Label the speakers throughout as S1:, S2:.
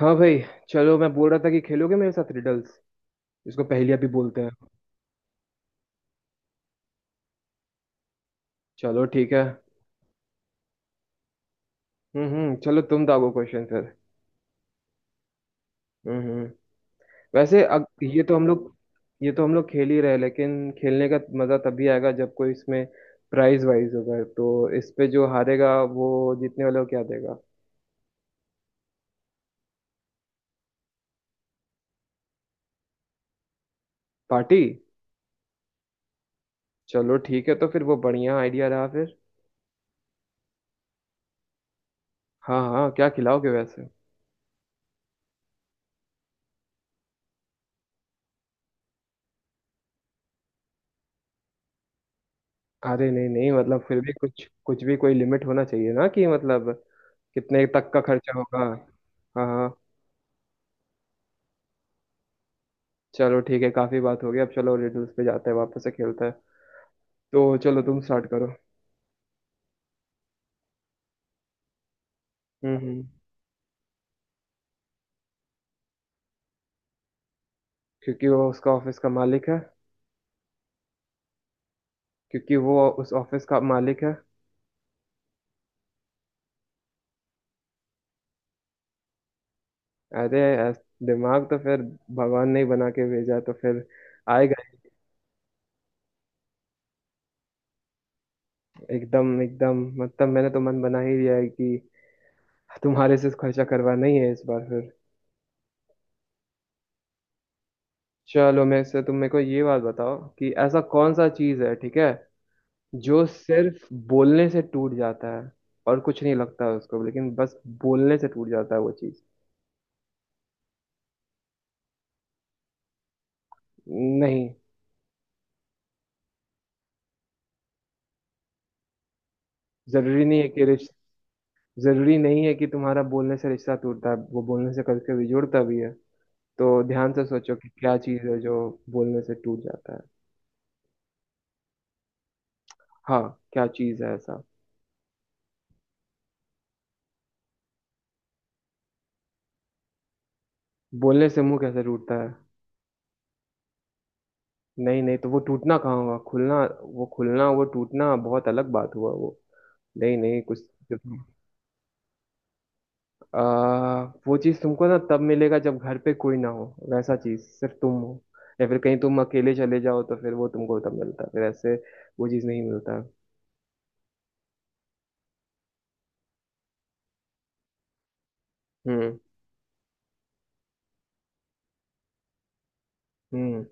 S1: हाँ भाई। चलो, मैं बोल रहा था कि खेलोगे मेरे साथ रिडल्स। इसको पहेलियाँ भी बोलते हैं। चलो ठीक है। हम्म। हम्म, चलो तुम दागो क्वेश्चन फिर। हम्म। वैसे ये तो हम लोग, ये तो हम लोग खेल ही रहे, लेकिन खेलने का मजा तभी आएगा जब कोई इसमें प्राइज वाइज होगा। तो इस पे जो हारेगा वो जीतने वाले को क्या देगा? पार्टी। चलो ठीक है, तो फिर वो बढ़िया आइडिया रहा फिर। हाँ हाँ, क्या खिलाओगे वैसे? अरे नहीं नहीं, मतलब फिर भी कुछ, कुछ भी कोई लिमिट होना चाहिए ना, कि मतलब कितने तक का खर्चा होगा। हाँ हाँ। चलो ठीक है, काफी बात हो गई, अब चलो रिडल्स पे जाते हैं, वापस से खेलते हैं। तो चलो तुम स्टार्ट करो। हम्म हम्म। क्योंकि वो उसका ऑफिस का मालिक है। क्योंकि वो उस ऑफिस का मालिक है। अरे, दिमाग तो फिर भगवान ने ही बना के भेजा, तो फिर आएगा। एकदम एकदम, मतलब मैंने तो मन बना ही लिया है कि तुम्हारे से खर्चा करवाना ही है इस बार फिर। चलो, मेरे से तुम, मेरे को ये बात बताओ कि ऐसा कौन सा चीज है, ठीक है, जो सिर्फ बोलने से टूट जाता है। और कुछ नहीं लगता है उसको, लेकिन बस बोलने से टूट जाता है वो चीज। नहीं। जरूरी नहीं है कि रिश्ता, जरूरी नहीं है कि तुम्हारा बोलने से रिश्ता टूटता है। वो बोलने से कभी कभी जुड़ता भी है। तो ध्यान से सोचो कि क्या चीज है जो बोलने से टूट जाता है। हाँ, क्या चीज है ऐसा? बोलने से मुंह कैसे टूटता है? नहीं नहीं, तो वो टूटना कहाँ हुआ? खुलना, वो खुलना, वो टूटना बहुत अलग बात हुआ वो। नहीं नहीं कुछ। आ, वो चीज तुमको ना तब मिलेगा जब घर पे कोई ना हो। वैसा चीज सिर्फ तुम हो, या फिर कहीं तुम अकेले चले जाओ तो फिर वो तुमको तब मिलता है। फिर ऐसे वो चीज नहीं मिलता। हम्म। हम्म।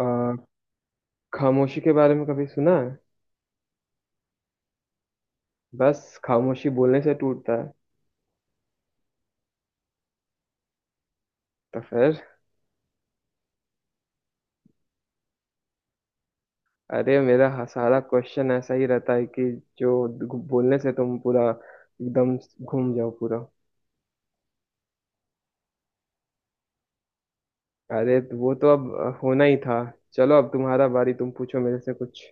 S1: आ, खामोशी के बारे में कभी सुना है? बस खामोशी बोलने से टूटता है। तो फिर। अरे, सारा क्वेश्चन ऐसा ही रहता है कि बोलने से तुम पूरा एकदम घूम जाओ पूरा। अरे, तो वो तो अब होना ही था। चलो, अब तुम्हारा बारी, तुम पूछो मेरे से कुछ।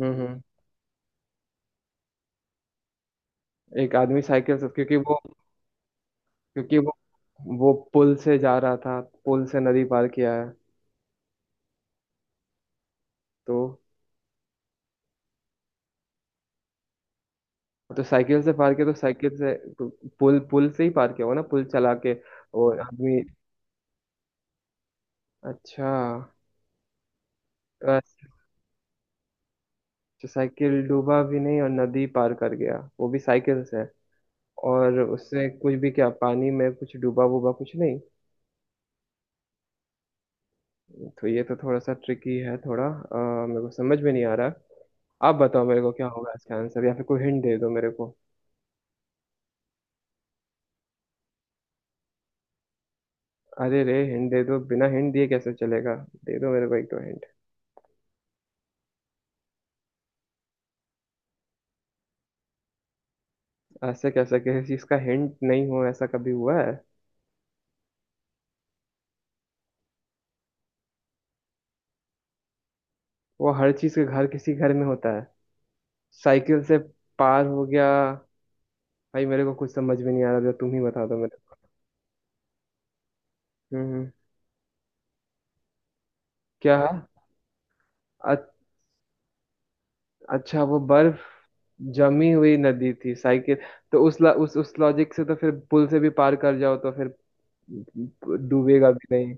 S1: हम्म हम्म। एक आदमी साइकिल से, क्योंकि वो, क्योंकि वो पुल से जा रहा था, पुल से नदी पार किया है। तो तो साइकिल से पार किया, तो साइकिल से, तो पुल पुल से ही पार किया होगा ना, पुल चला के, और आदमी। अच्छा। तो साइकिल डूबा भी नहीं और नदी पार कर गया वो भी साइकिल से, और उससे कुछ भी, क्या पानी में कुछ डूबा वूबा कुछ नहीं? तो ये तो थोड़ा सा ट्रिकी है थोड़ा, मेरे को समझ में नहीं आ रहा। आप बताओ मेरे को क्या होगा इसका आंसर, या फिर कोई हिंट दे दो मेरे को। अरे रे, हिंट दे दो, बिना हिंट दिए कैसे चलेगा? दे दो मेरे को एक दो हिंट। ऐसे कैसे किसी चीज का हिंट नहीं हो, ऐसा कभी हुआ है? वो हर चीज के घर, किसी घर में होता है। साइकिल से पार हो गया। भाई, मेरे को कुछ समझ में नहीं आ रहा, जरा तुम ही बता दो मेरे को। हम्म। क्या? अ- अच्छा, वो बर्फ जमी हुई नदी थी, साइकिल। तो उस लॉजिक से तो फिर पुल से भी पार कर जाओ तो फिर डूबेगा भी नहीं।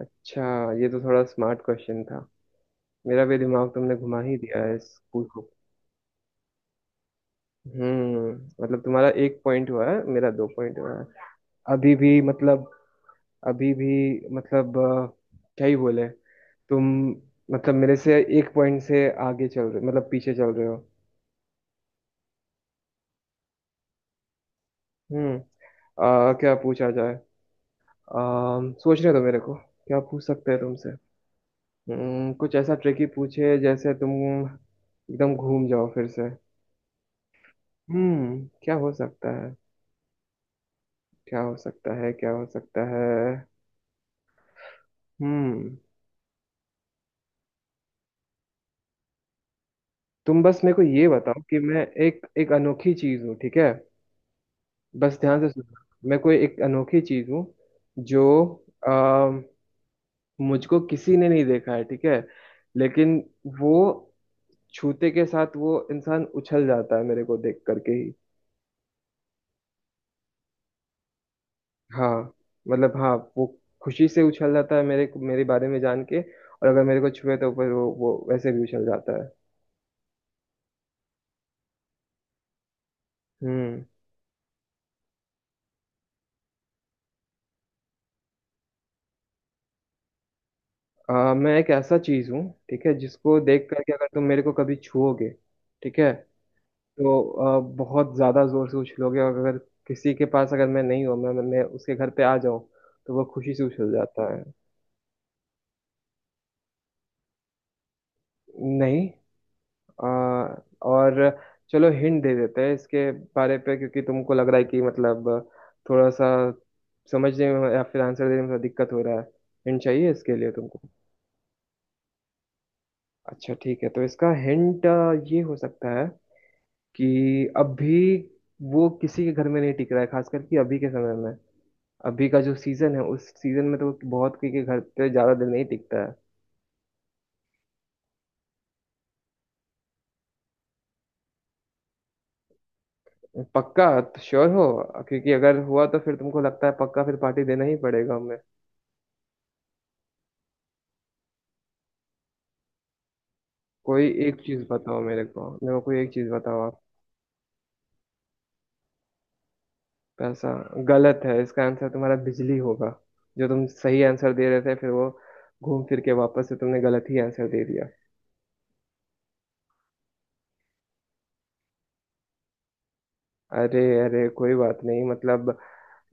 S1: अच्छा। ये तो थोड़ा स्मार्ट क्वेश्चन था। मेरा भी दिमाग तुमने घुमा ही दिया है इस पूछ। हम्म। मतलब तुम्हारा एक पॉइंट हुआ है, मेरा दो पॉइंट हुआ है। अभी भी मतलब, अभी भी मतलब क्या ही बोले तुम। मतलब मेरे से एक पॉइंट से आगे चल रहे, मतलब पीछे चल रहे हो। हम्म। क्या पूछा जाए? सोचने दो मेरे को क्या पूछ सकते हैं तुमसे। कुछ ऐसा ट्रिकी पूछे जैसे तुम एकदम घूम जाओ फिर से। हम्म, क्या हो सकता है? क्या हो सकता है? क्या हो सकता है? हम्म। तुम बस मेरे को ये बताओ कि मैं एक एक अनोखी चीज हूँ, ठीक है। बस ध्यान से सुनना। मैं कोई एक अनोखी चीज हूँ जो, आ, मुझको किसी ने नहीं देखा है, ठीक है, लेकिन वो छूते के साथ वो इंसान उछल जाता है, मेरे को देख करके ही। हाँ, मतलब हाँ, वो खुशी से उछल जाता है मेरे मेरे बारे में जान के, और अगर मेरे को छुए तो फिर वो वैसे भी उछल जाता है। हम्म। मैं एक ऐसा चीज हूँ, ठीक है, जिसको देख करके, अगर तुम मेरे को कभी छुओगे, ठीक है, तो बहुत ज़्यादा ज़ोर से उछलोगे, और अगर किसी के पास अगर मैं नहीं हूँ, मैं उसके घर पे आ जाऊँ तो वो खुशी से उछल जाता है। नहीं। अ, और, चलो हिंट दे देते हैं इसके बारे पे, क्योंकि तुमको लग रहा है कि मतलब थोड़ा सा समझने में या फिर आंसर देने में थोड़ा दिक्कत हो रहा है, हिंट चाहिए इसके लिए तुमको। अच्छा ठीक है, तो इसका हिंट ये हो सकता है कि अभी वो किसी के घर में नहीं टिक रहा है, खास करके अभी के समय में। अभी का जो सीजन है, उस सीजन में तो बहुत किसी के घर पे ज्यादा दिन नहीं टिकता है। पक्का तो श्योर हो, क्योंकि अगर हुआ तो फिर तुमको लगता है, पक्का फिर पार्टी देना ही पड़ेगा हमें। कोई एक चीज बताओ मेरे को, मेरे को कोई एक चीज बताओ आप। पैसा गलत है, इसका आंसर तुम्हारा बिजली होगा। जो तुम सही आंसर दे रहे थे, फिर वो घूम फिर के वापस से तुमने गलत ही आंसर दे दिया। अरे अरे, कोई बात नहीं, मतलब,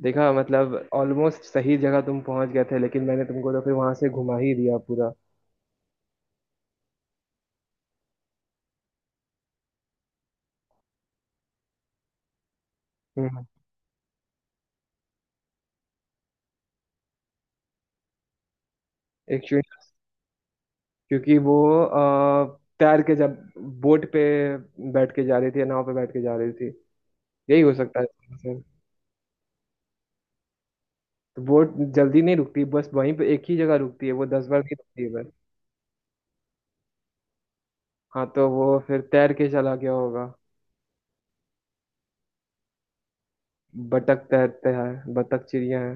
S1: देखा मतलब ऑलमोस्ट सही जगह तुम पहुंच गए थे, लेकिन मैंने तुमको तो फिर वहां से घुमा ही दिया पूरा। हम्म। एक, क्योंकि वो, तैर के, जब बोट पे बैठ के जा रही थी, या नाव पे बैठ के जा रही थी, यही हो सकता है। सर, तो बोट जल्दी नहीं रुकती, बस वहीं पे एक ही जगह रुकती है, वो 10 बार नहीं रुकती है बस। हाँ, तो वो फिर तैर के चला गया होगा। बतख तैरते हैं, बतख चिड़िया है।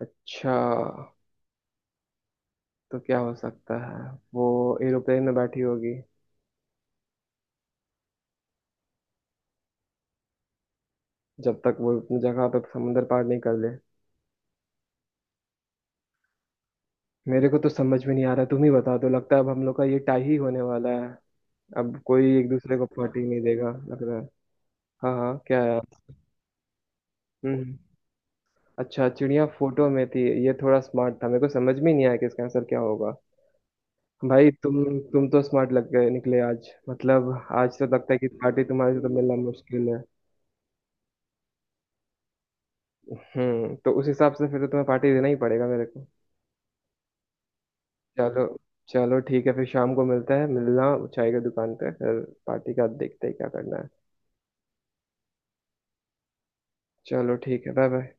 S1: अच्छा, तो क्या हो सकता है, वो एरोप्लेन में बैठी होगी, जब तक वो अपनी जगह पे समुंदर पार नहीं कर ले। मेरे को तो समझ में नहीं आ रहा, तुम ही बता दो। लगता है अब हम लोग का ये टाई ही होने वाला है, अब कोई एक दूसरे को पार्टी नहीं देगा लग रहा है। हाँ हाँ, क्या है? हम्म हम्म। अच्छा, चिड़िया फोटो में थी। ये थोड़ा स्मार्ट था, मेरे को समझ में नहीं आया कि इसका आंसर क्या होगा। भाई, तुम तो स्मार्ट लग गए, निकले आज, मतलब आज तो लगता है कि पार्टी तुम्हारे से तो मिलना मुश्किल है। हम्म, तो उस हिसाब से फिर तो तुम्हें पार्टी देना ही पड़ेगा मेरे को। चलो। चलो ठीक है, फिर शाम को मिलते हैं, मिलना चाय की दुकान पे फिर, पार्टी का देखते हैं क्या करना है। चलो ठीक है, बाय बाय।